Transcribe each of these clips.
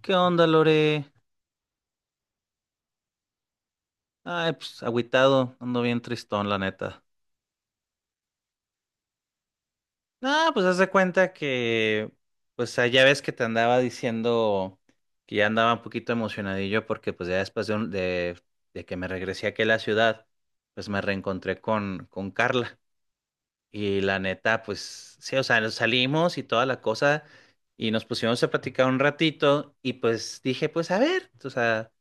¿Qué onda, Lore? Ay, pues agüitado, ando bien tristón, la neta. Ah, pues haz de cuenta que, pues ya ves que te andaba diciendo que ya andaba un poquito emocionadillo porque pues ya después de, de que me regresé aquí a la ciudad, pues me reencontré con Carla. Y la neta, pues sí, o sea, nos salimos y toda la cosa y nos pusimos a platicar un ratito y pues dije, pues a ver, o sea,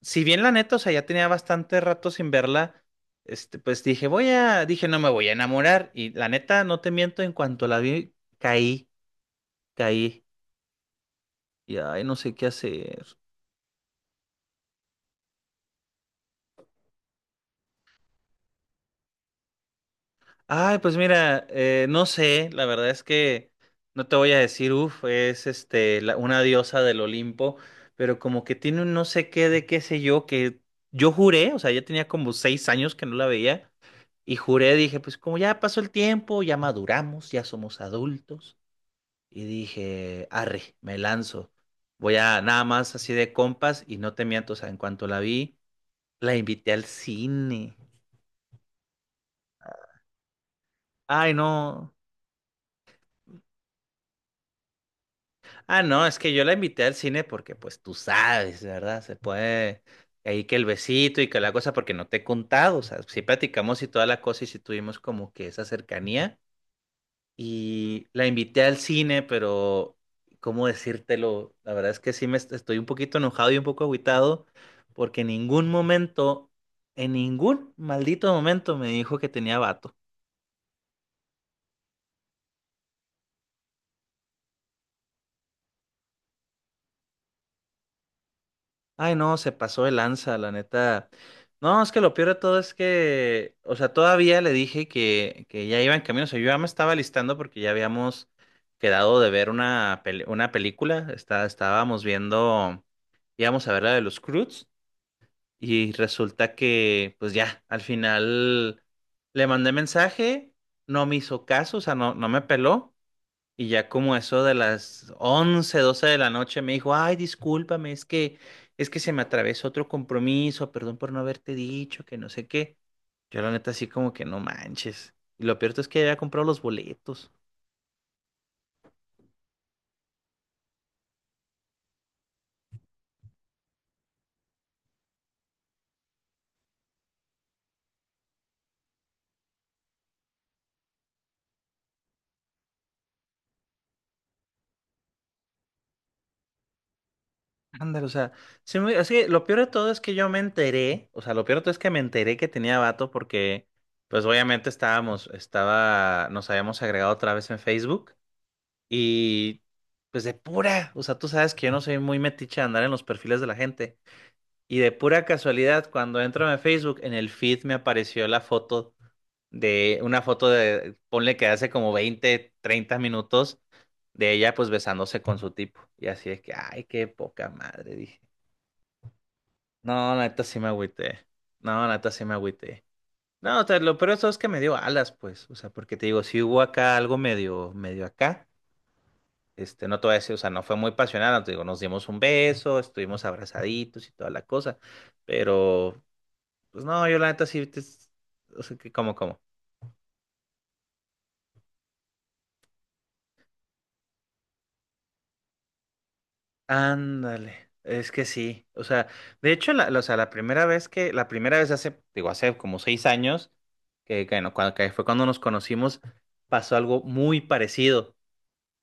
si bien la neta, o sea, ya tenía bastante rato sin verla, pues dije, dije, no me voy a enamorar. Y la neta, no te miento, en cuanto la vi, caí. Y ay, no sé qué hacer. Ay, pues mira, no sé, la verdad es que no te voy a decir, uff, una diosa del Olimpo, pero como que tiene un no sé qué de qué sé yo, que yo juré, o sea, ya tenía como 6 años que no la veía. Y juré, dije, pues como ya pasó el tiempo, ya maduramos, ya somos adultos, y dije, arre, me lanzo. Voy a nada más así de compas y no te miento, o sea, en cuanto la vi, la invité al cine. Ay, no. Ah, no, es que yo la invité al cine porque pues tú sabes, ¿verdad? Se puede ahí que el besito y que la cosa porque no te he contado, o sea, sí platicamos y toda la cosa y sí tuvimos como que esa cercanía. Y la invité al cine, pero ¿cómo decírtelo? La verdad es que sí estoy un poquito enojado y un poco agüitado porque en ningún momento, en ningún maldito momento me dijo que tenía vato. Ay, no, se pasó de lanza, la neta. No, es que lo peor de todo es que, o sea, todavía le dije que ya iba en camino, o sea, yo ya me estaba listando porque ya habíamos quedado de ver una película. Estábamos viendo, íbamos a ver la de los Croods. Y resulta que, pues ya, al final le mandé mensaje, no me hizo caso, o sea, no me peló. Y ya como eso de las 11 12 de la noche me dijo, ay, discúlpame, es que se me atravesó otro compromiso, perdón por no haberte dicho, que no sé qué. Yo la neta así como que no manches. Y lo peor es que había comprado los boletos. Ándale, o sea, es que lo peor de todo es que yo me enteré, o sea, lo peor de todo es que me enteré que tenía vato porque pues obviamente nos habíamos agregado otra vez en Facebook, y pues de pura, o sea, tú sabes que yo no soy muy metiche de andar en los perfiles de la gente, y de pura casualidad cuando entro en Facebook en el feed me apareció la foto de una foto de, ponle que hace como 20, 30 minutos, de ella pues besándose con su tipo. Y así es que, ay, qué poca madre, dije. No, la neta sí me agüité. No, la neta sí me agüité. No, o sea, lo peor de todo es que me dio alas, pues. O sea, porque te digo, si hubo acá algo medio acá, no te voy a decir, o sea, no fue muy pasional, no te digo, nos dimos un beso, estuvimos abrazaditos y toda la cosa. Pero pues no, yo la neta sí, o sea, que como. Ándale, es que sí. O sea, de hecho, o sea, la primera vez que, la primera vez hace, digo, hace como 6 años, que, no, cuando- que fue cuando nos conocimos, pasó algo muy parecido.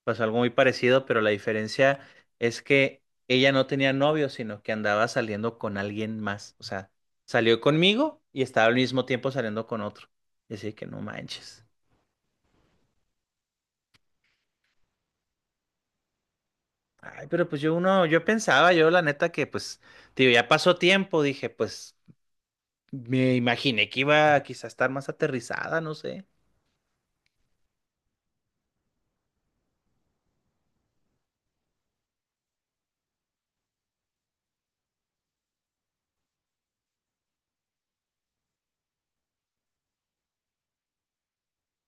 Pasó algo muy parecido, pero la diferencia es que ella no tenía novio, sino que andaba saliendo con alguien más. O sea, salió conmigo y estaba al mismo tiempo saliendo con otro. Y así que no manches. Ay, pero pues yo pensaba, yo la neta que pues, tío, ya pasó tiempo, dije, pues me imaginé que iba a quizá estar más aterrizada, no sé.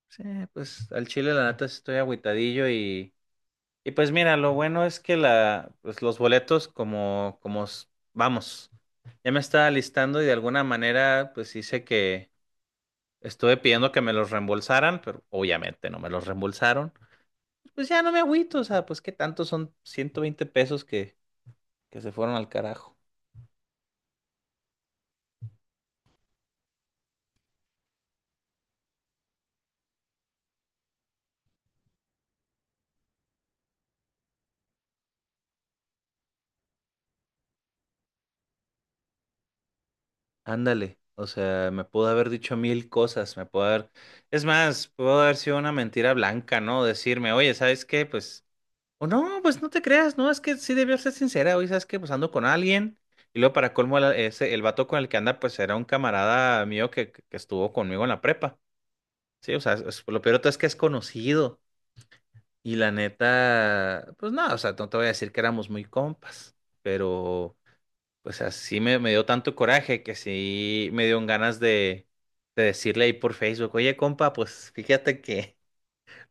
Sí, pues al chile la neta sí estoy agüitadillo. Y pues mira, lo bueno es que pues los boletos vamos, ya me estaba listando y de alguna manera pues hice que estuve pidiendo que me los reembolsaran, pero obviamente no me los reembolsaron. Pues ya no me agüito, o sea, pues qué tanto son 120 pesos que se fueron al carajo. Ándale, o sea, me pudo haber dicho mil cosas, me pudo haber... Es más, pudo haber sido una mentira blanca, ¿no? Decirme, oye, ¿sabes qué? Pues... O no, pues no te creas, no, es que sí debió ser sincera, hoy sabes que pues ando con alguien. Y luego para colmo el vato con el que anda pues era un camarada mío que, que estuvo conmigo en la prepa. Sí, o sea, lo peor de todo es que es conocido, y la neta, pues nada, o sea, no te voy a decir que éramos muy compas, pero pues así me dio tanto coraje que sí me dieron ganas de decirle ahí por Facebook, oye compa, pues fíjate que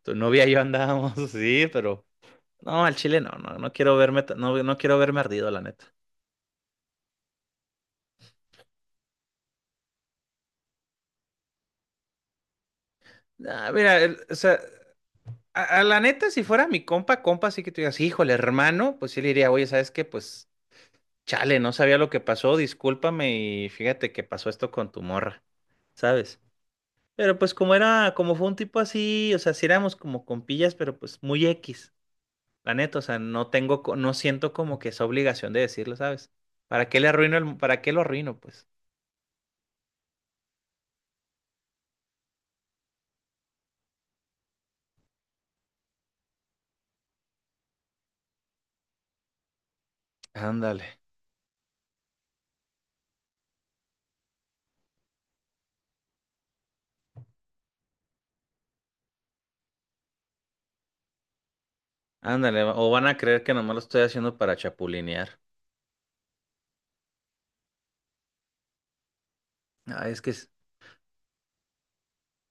tu novia y yo andábamos, así pero... No, al Chile no, no, no quiero verme, no, no quiero verme ardido, la neta. Ah, mira, o sea, a la neta, si fuera mi compa, sí que tú digas, híjole, hermano, pues sí le diría, oye, ¿sabes qué? Pues chale, no sabía lo que pasó, discúlpame y fíjate que pasó esto con tu morra, ¿sabes? Pero pues como fue un tipo así, o sea, sí éramos como compillas, pero pues muy X, la neta, o sea, no siento como que esa obligación de decirlo, ¿sabes? ¿Para qué para qué lo arruino, pues? Ándale. Ándale, o van a creer que nomás lo estoy haciendo para chapulinear. ah es que es-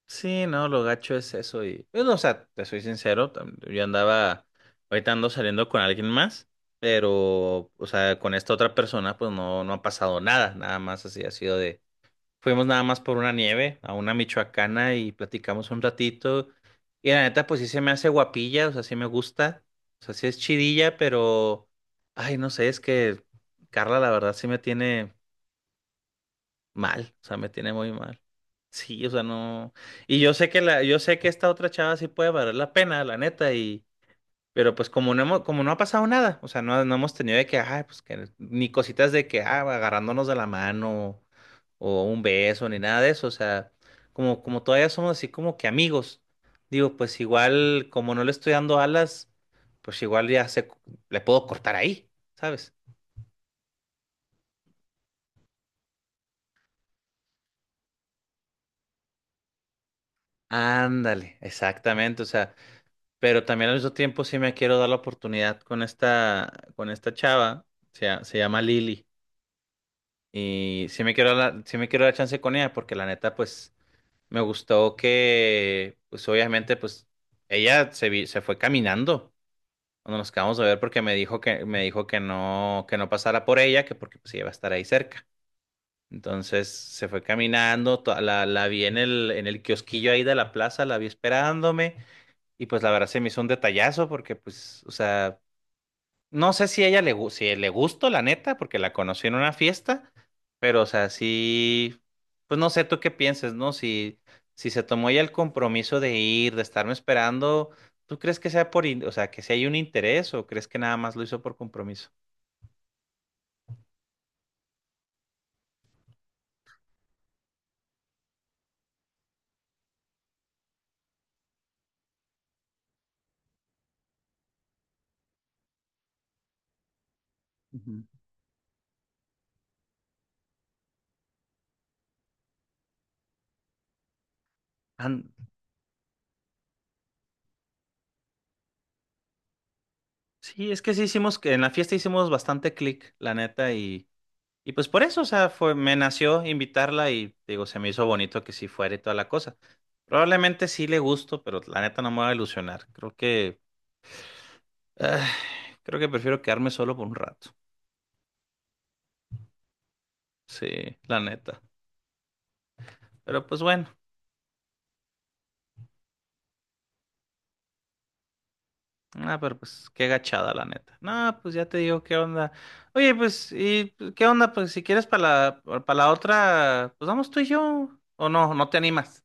sí, no, lo gacho es eso y... Bueno, o sea, te soy sincero, yo andaba, ahorita ando saliendo con alguien más, pero, o sea, con esta otra persona pues no, no ha pasado nada, nada más así ha sido de... Fuimos nada más por una nieve, a una michoacana y platicamos un ratito, y la neta pues sí se me hace guapilla, o sea, sí me gusta, o sea, sí es chidilla, pero, ay, no sé, es que Carla la verdad sí me tiene... Mal, o sea, me tiene muy mal. Sí, o sea, no. Y yo sé que yo sé que esta otra chava sí puede valer la pena, la neta, y, pero pues como no ha pasado nada, o sea, no, no hemos tenido de que, ay, pues que, ni cositas de que, ah, agarrándonos de la mano, o un beso, ni nada de eso. O sea, como todavía somos así como que amigos. Digo, pues igual, como no le estoy dando alas, pues igual le puedo cortar ahí, ¿sabes? Ándale, exactamente. O sea, pero también al mismo tiempo sí me quiero dar la oportunidad con con esta chava, se llama Lili, y sí me quiero sí me quiero dar chance con ella porque la neta pues me gustó que pues obviamente pues ella se fue caminando cuando nos acabamos de ver porque me dijo que no pasara por ella, que porque pues ella va a estar ahí cerca. Entonces se fue caminando, la vi en en el kiosquillo ahí de la plaza, la vi esperándome. Y pues la verdad se me hizo un detallazo porque pues, o sea, no sé si ella si le gustó, la neta, porque la conocí en una fiesta, pero o sea, sí, pues no sé tú qué pienses, ¿no? Si, si se tomó ya el compromiso de ir, de estarme esperando, ¿tú crees que sea o sea, que si hay un interés o crees que nada más lo hizo por compromiso? Ujú. An- sí, es que sí hicimos, que en la fiesta hicimos bastante clic, la neta, y pues por eso, o sea, me nació invitarla y digo, se me hizo bonito que sí fuera y toda la cosa. Probablemente sí le gusto, pero la neta no me va a ilusionar. Creo que, ah, creo que prefiero quedarme solo por un rato. Sí, la neta. Pero pues bueno, ah, pero pues qué gachada, la neta. No, pues ya te digo qué onda. Oye, pues, ¿y pues, qué onda? Pues si quieres para para la otra, pues vamos tú y yo. O no, no te animas.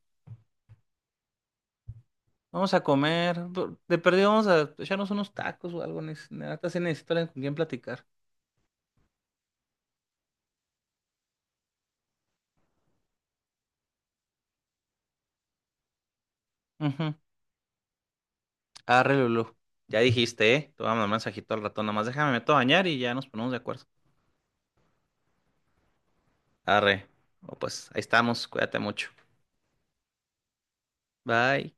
Vamos a comer. De perdido vamos a echarnos unos tacos o algo. Neta, sí necesito alguien con quien platicar. Ujú. Arre, Lulú. Ya dijiste, ¿eh? Te voy a mandar un mensajito al ratón. Nada más déjame, me meto a bañar y ya nos ponemos de acuerdo. Arre. O pues ahí estamos. Cuídate mucho. Bye.